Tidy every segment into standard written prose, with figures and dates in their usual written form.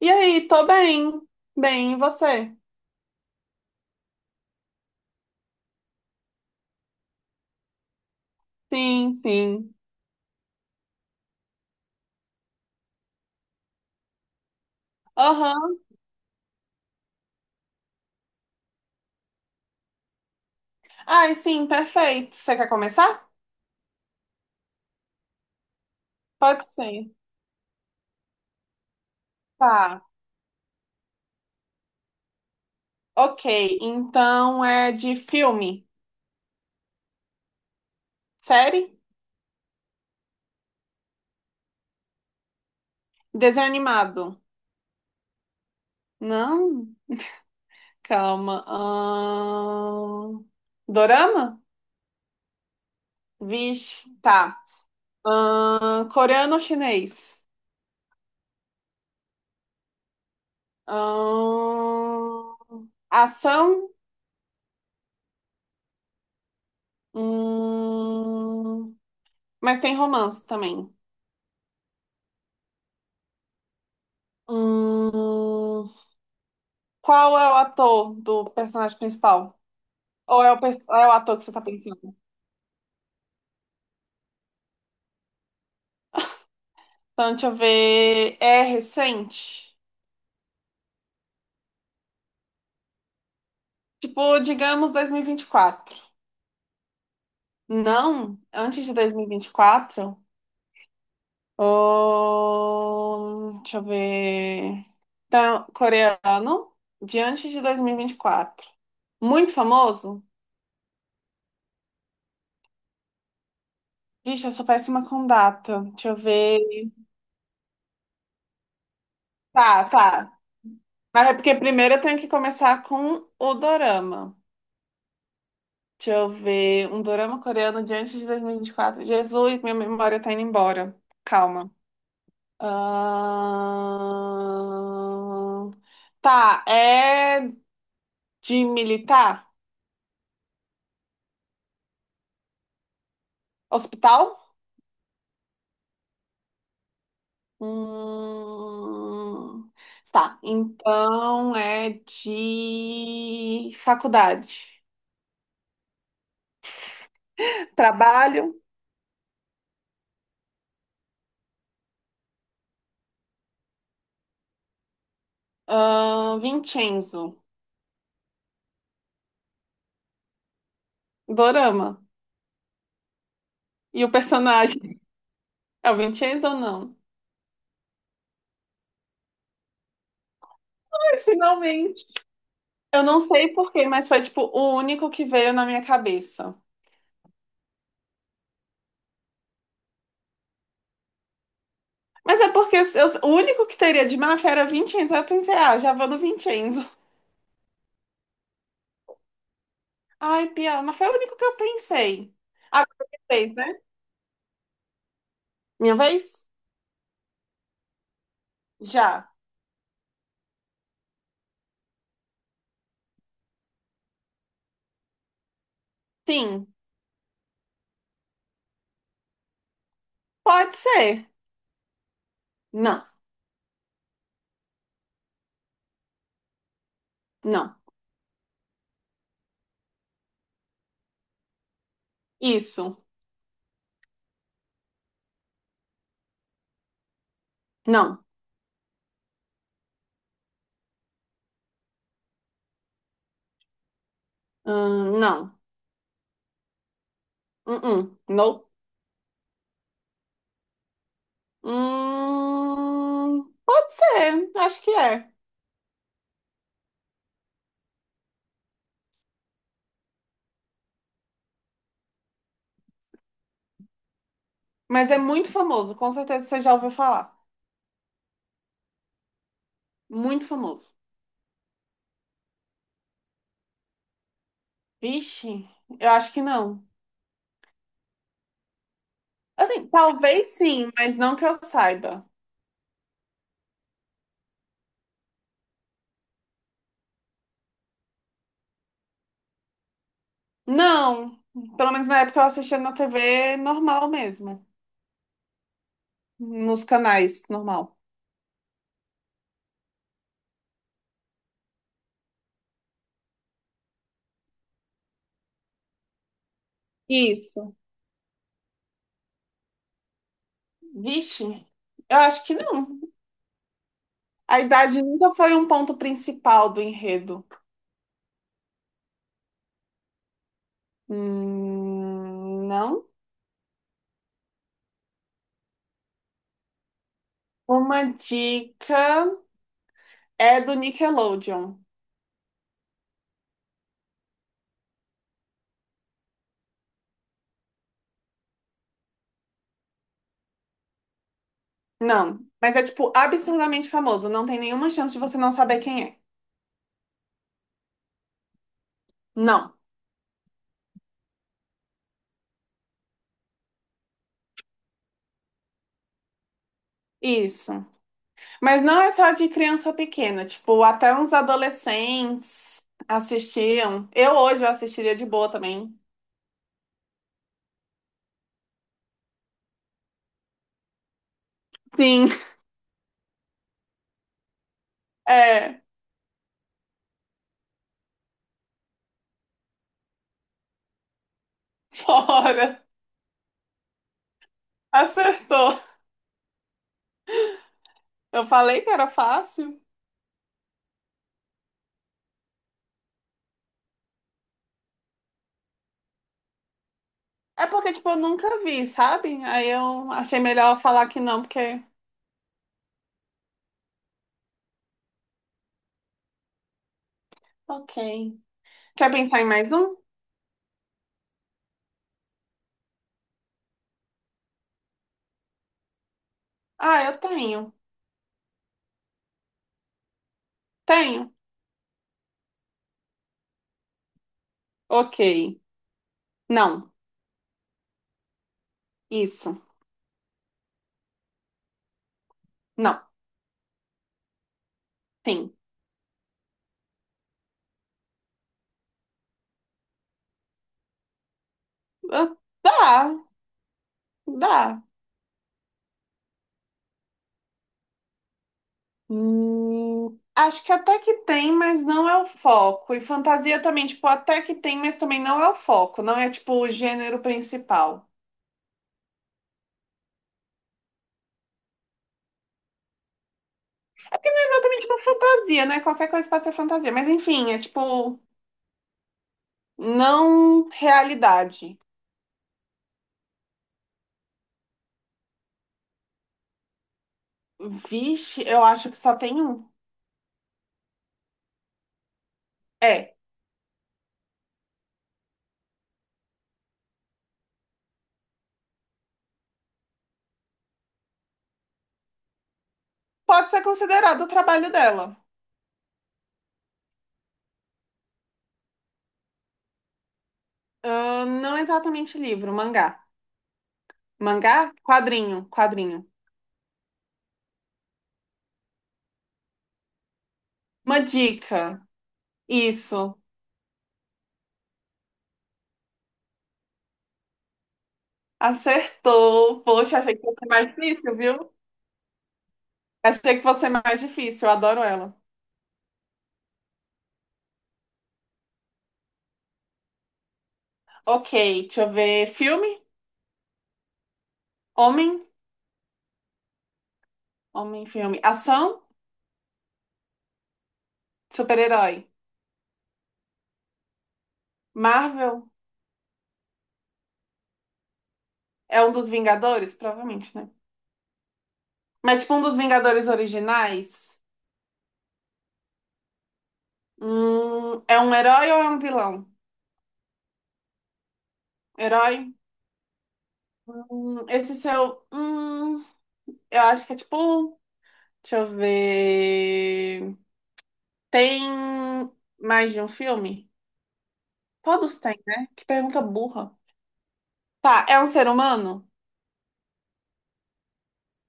E aí, tô bem. Bem, e você? Sim, sim. Aham. Ai, sim, perfeito. Você quer começar? Pode ser. Tá. Ok, então é de filme, série, desenho animado. Não? Calma. Dorama? Vixe, tá. Coreano ou chinês? Ahn, Ação? Hum, Mas tem romance também. Hum, qual é o ator do personagem principal? Ou é o, é o ator que você tá pensando? Então, deixa eu ver. É recente? Tipo, digamos dois mil e vinte e quatro. Não, antes de 2024. Deixa eu ver. Então, coreano, de antes de dois mil e vinte e quatro. Muito famoso? Vixe, eu sou péssima com data. Deixa eu ver. Tá, tá. Mas é porque primeiro eu tenho que começar com o dorama. Deixa eu ver. Um dorama coreano de antes de 2024. Jesus, minha memória tá indo embora. Calma. Ahn, Tá, é de militar? Hospital? Hum... Tá, então é de faculdade. Trabalho? Vincenzo. Dorama. E o personagem? É o Vincenzo ou não? Finalmente. Eu não sei porquê, mas foi tipo o único que veio na minha cabeça. Mas é porque o único que teria de máfia era Vincenzo. Aí eu pensei, ah, já vou no Vincenzo. Ai, piada, mas foi o único que eu pensei. Agora é minha vez, né? Minha vez? Já. Sim. Pode ser. Não. Não. Isso. Não. Não. Uh-uh. Não. Pode ser. Acho que é. Mas é muito famoso. Com certeza você já ouviu falar. Muito famoso. Vixe, eu acho que não. Assim, talvez sim, mas não que eu saiba. Não, pelo menos na época eu assistia na TV normal mesmo, nos canais normal. Isso. Vixe, eu acho que não. A idade nunca foi um ponto principal do enredo. Não. Uma dica é do Nickelodeon. Não, mas é tipo absurdamente famoso. Não tem nenhuma chance de você não saber quem é. Não. Isso. Mas não é só de criança pequena, tipo, até uns adolescentes assistiam. Eu hoje eu assistiria de boa também. Sim, é, fora. Acertou. Eu falei que era fácil. É porque, tipo, eu nunca vi, sabe? Aí eu achei melhor falar que não, porque. Ok. Quer pensar em mais um? Ah, eu tenho. Tenho. Ok. Não. Isso. Não. Tem. Ah, dá. Dá. Acho que até que tem, mas não é o foco. E fantasia também, tipo, até que tem, mas também não é o foco. Não é, tipo, o gênero principal. É exatamente uma fantasia, né? Qualquer coisa pode ser fantasia. Mas enfim, é tipo, não realidade. Vixe, eu acho que só tem um. É, pode ser considerado o trabalho dela. Ah, não exatamente livro, mangá. Mangá? Quadrinho, quadrinho. Uma dica. Isso. Acertou. Poxa, achei que fosse mais difícil, viu? Achei que fosse mais difícil, eu adoro ela. Ok, deixa eu ver. Filme? Homem? Homem, filme. Ação? Super-herói. Marvel? É um dos Vingadores? Provavelmente, né? Mas, tipo, um dos Vingadores originais? É um herói ou é um vilão? Herói? Esse seu. Eu acho que é tipo. Deixa eu ver. Tem mais de um filme? Todos têm, né? Que pergunta burra. Tá, é um ser humano?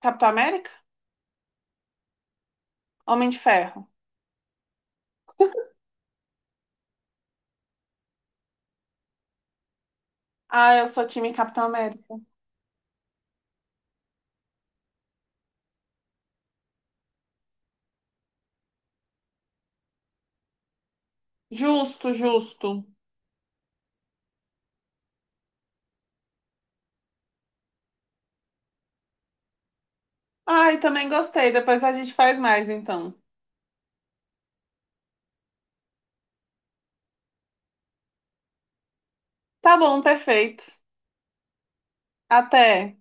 Capitão América? Homem de Ferro. Ah, eu sou time Capitão América. Justo, justo. Ai, também gostei. Depois a gente faz mais, então. Tá bom, perfeito. Até.